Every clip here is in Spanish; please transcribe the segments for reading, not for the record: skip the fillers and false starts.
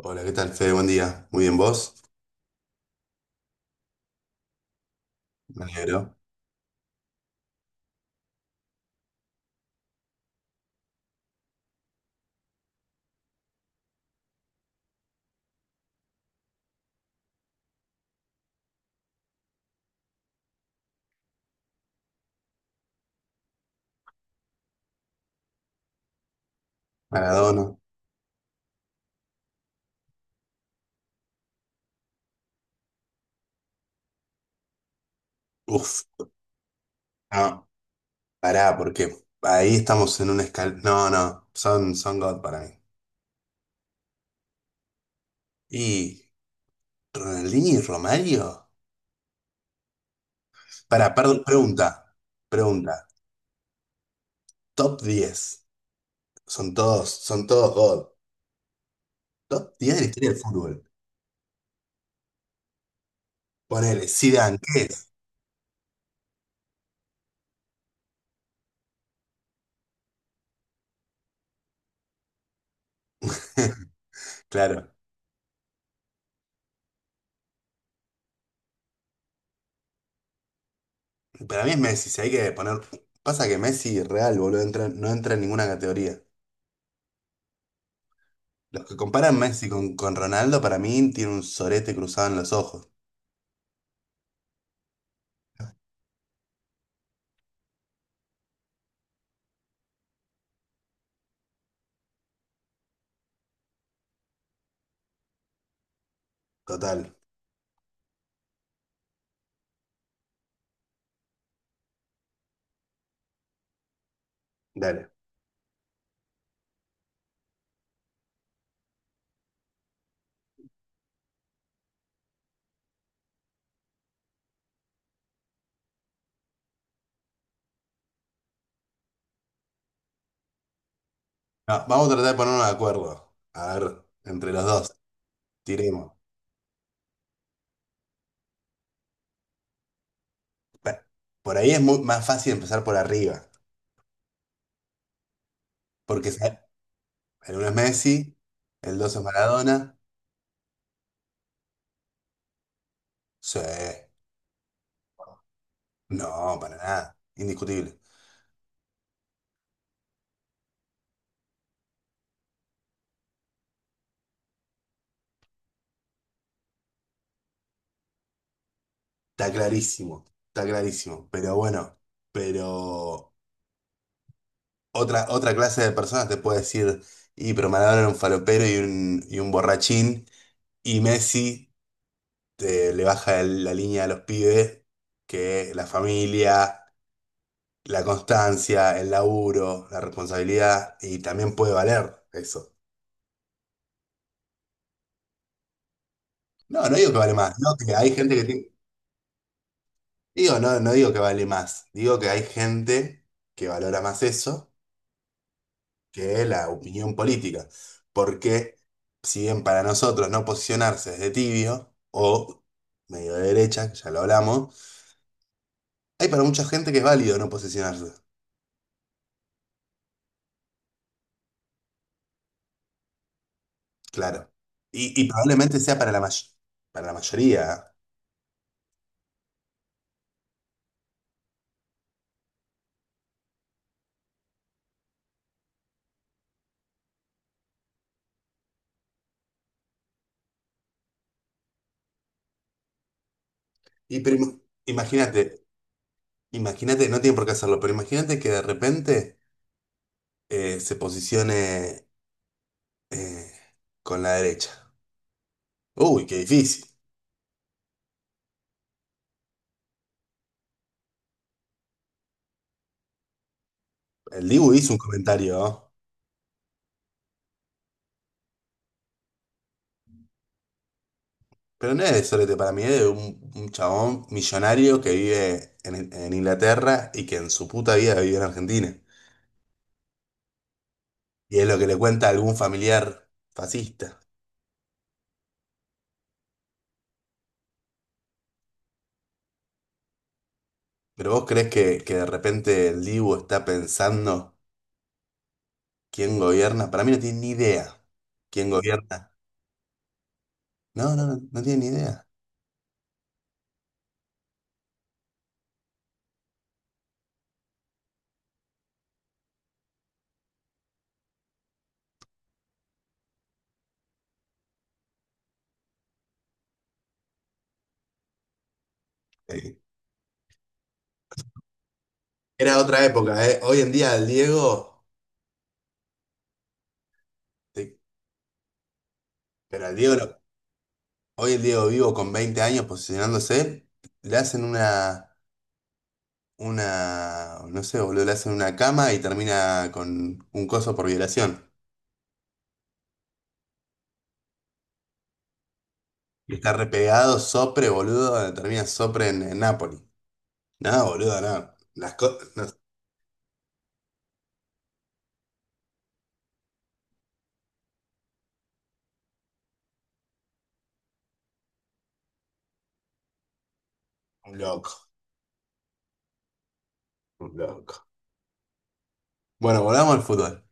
Hola, ¿qué tal, Fede? Buen día. Muy bien, ¿vos? Me alegro. Maradona. Uf, no, pará, porque ahí estamos en un No, no, son God para mí. ¿Y Ronaldinho y Romario? Pará, perdón, pregunta. Pregunta. Top 10. Son todos God. Top 10 de la historia del fútbol. Ponele, Zidane, ¿qué es? Claro. Para mí es Messi, si hay que poner... Pasa que Messi real, boludo, no entra en ninguna categoría. Los que comparan Messi con Ronaldo, para mí, tiene un sorete cruzado en los ojos. Total. Dale. No, vamos a tratar de ponernos de acuerdo. A ver, entre los dos, tiremos. Pa- Por ahí es más fácil empezar por arriba. Porque el uno es Messi, el dos es Maradona. Sí. No, para nada. Indiscutible. Está clarísimo. Está clarísimo. Pero bueno, pero otra clase de personas te puede decir, y pero Maradona era un falopero y y un borrachín. Y Messi le baja la línea a los pibes que la familia, la constancia, el laburo, la responsabilidad, y también puede valer eso. No, no digo que vale más, digo que hay gente que Digo, no, no digo que vale más, digo que hay gente que valora más eso que la opinión política. Porque si bien para nosotros no posicionarse es de tibio o medio de derecha, que ya lo hablamos, hay para mucha gente que es válido no posicionarse. Claro. Y probablemente sea para la para la mayoría, ¿eh? Y pero imagínate, imagínate, no tiene por qué hacerlo, pero imagínate que de repente se posicione eh, con la derecha. Uy, qué difícil. El Dibu hizo un comentario, ¿eh? Pero no es de sorete para mí, es de un chabón millonario que vive en Inglaterra y que en su puta vida vivió en Argentina. Y es lo que le cuenta a algún familiar fascista. ¿Pero vos crees que de repente el Dibu está pensando? ¿Quién gobierna? Para mí no tiene ni idea. ¿Quién gobierna? No, no, no, no tiene ni idea. Eh, Era otra época, ¿eh? Hoy en día al Diego, sí, pero al Diego, hoy el Diego vivo con 20 años posicionándose, le hacen una, no sé, boludo, le hacen una cama y termina con un coso por violación. Y está repegado, sopre, boludo, termina sopre en Nápoli. No, boludo, no. No, un loco, un loco. Bueno, volvamos al fútbol.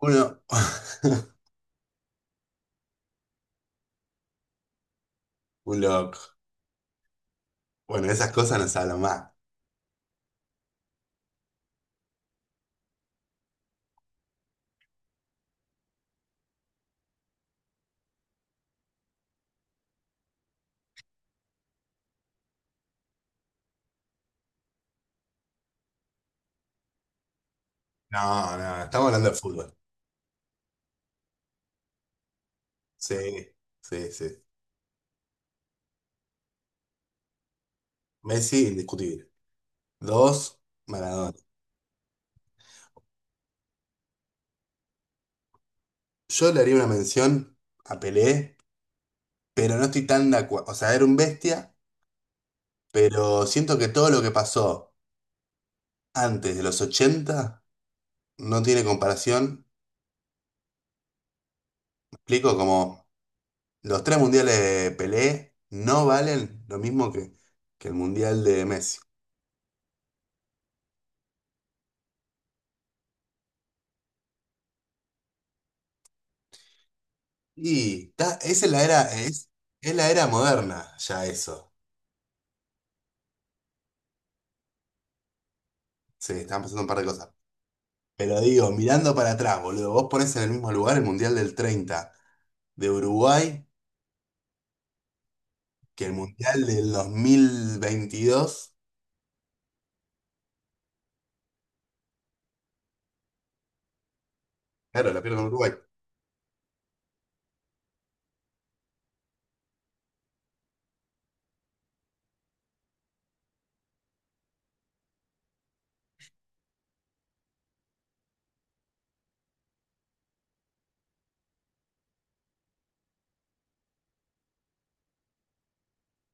Uno. Un loco. Bueno, de esas cosas no se hablan más. No, no, estamos hablando de fútbol. Sí, sí, sí. Messi, indiscutible. Dos, Maradona. Yo le haría una mención a Pelé, pero no estoy tan de acuerdo. O sea, era un bestia, pero siento que todo lo que pasó antes de los 80 no tiene comparación. Me explico como los tres mundiales de Pelé no valen lo mismo que el mundial de Messi. Y esa es la era, es la era moderna, ya eso. Sí, están pasando un par de cosas. Pero digo, mirando para atrás, boludo, vos ponés en el mismo lugar el Mundial del 30 de Uruguay que el Mundial del 2022. Claro, la pierdo con Uruguay.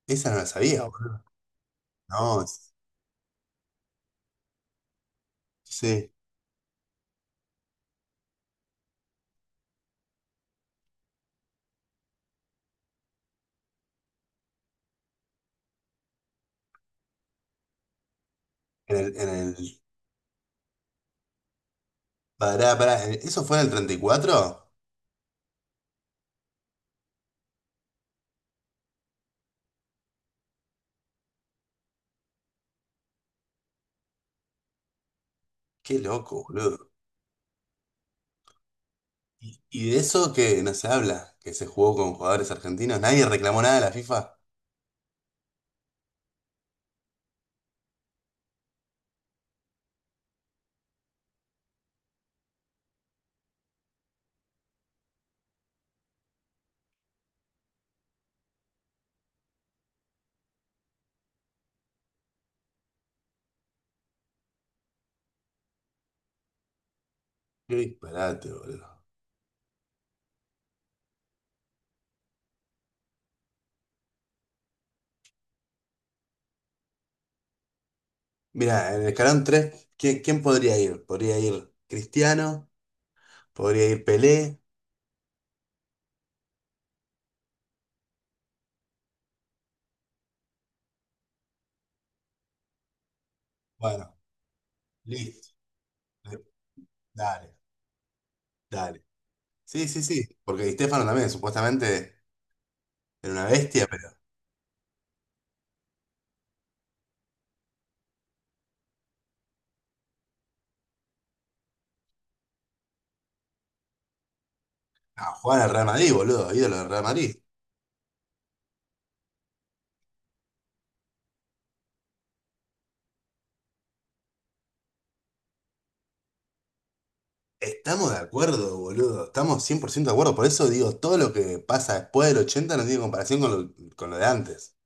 Esa no la sabía, boludo. No, sí. En el, pará, pará, ¿eso fue en el 34? Qué loco, boludo. Y de eso que no se habla, que se jugó con jugadores argentinos, nadie reclamó nada a la FIFA. Qué disparate, boludo. Mira, en el escalón tres, ¿quién podría ir? ¿Podría ir Cristiano? ¿Podría ir Pelé? Bueno, listo. Eh, Dale, dale. Sí, sí, sí. Porque Di Stéfano también, supuestamente, era una bestia, pero no, jugaba en el Real Madrid, boludo, ídolo del Real Madrid. Estamos de acuerdo, boludo. Estamos 100% de acuerdo. Por eso digo, todo lo que pasa después del 80 no tiene comparación con lo de antes.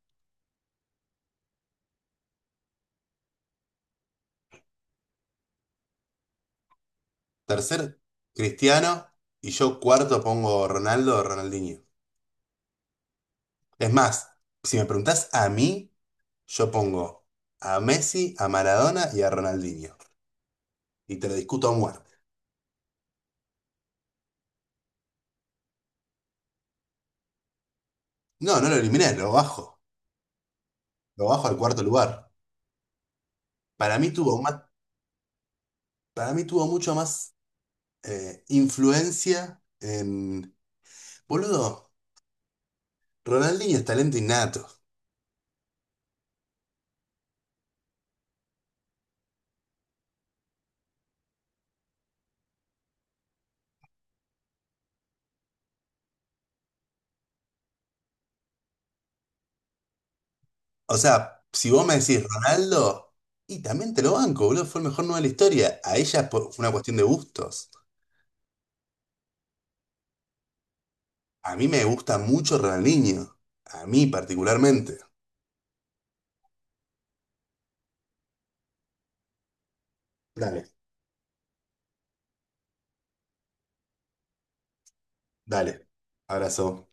Tercer, Cristiano. Y yo cuarto pongo Ronaldo o Ronaldinho. Es más, si me preguntás a mí. Yo pongo a Messi, a Maradona y a Ronaldinho. Y te lo discuto a muerte. No, no lo eliminé, lo bajo. Lo bajo al cuarto lugar. Para mí tuvo más, para mí tuvo mucho más influencia en. Boludo, Ronaldinho es talento innato. O sea, si vos me decís Ronaldo, y también te lo banco, boludo, fue el mejor nueve de la historia. A ella fue una cuestión de gustos. A mí me gusta mucho Ronaldinho. A mí particularmente. Dale, dale. Abrazo.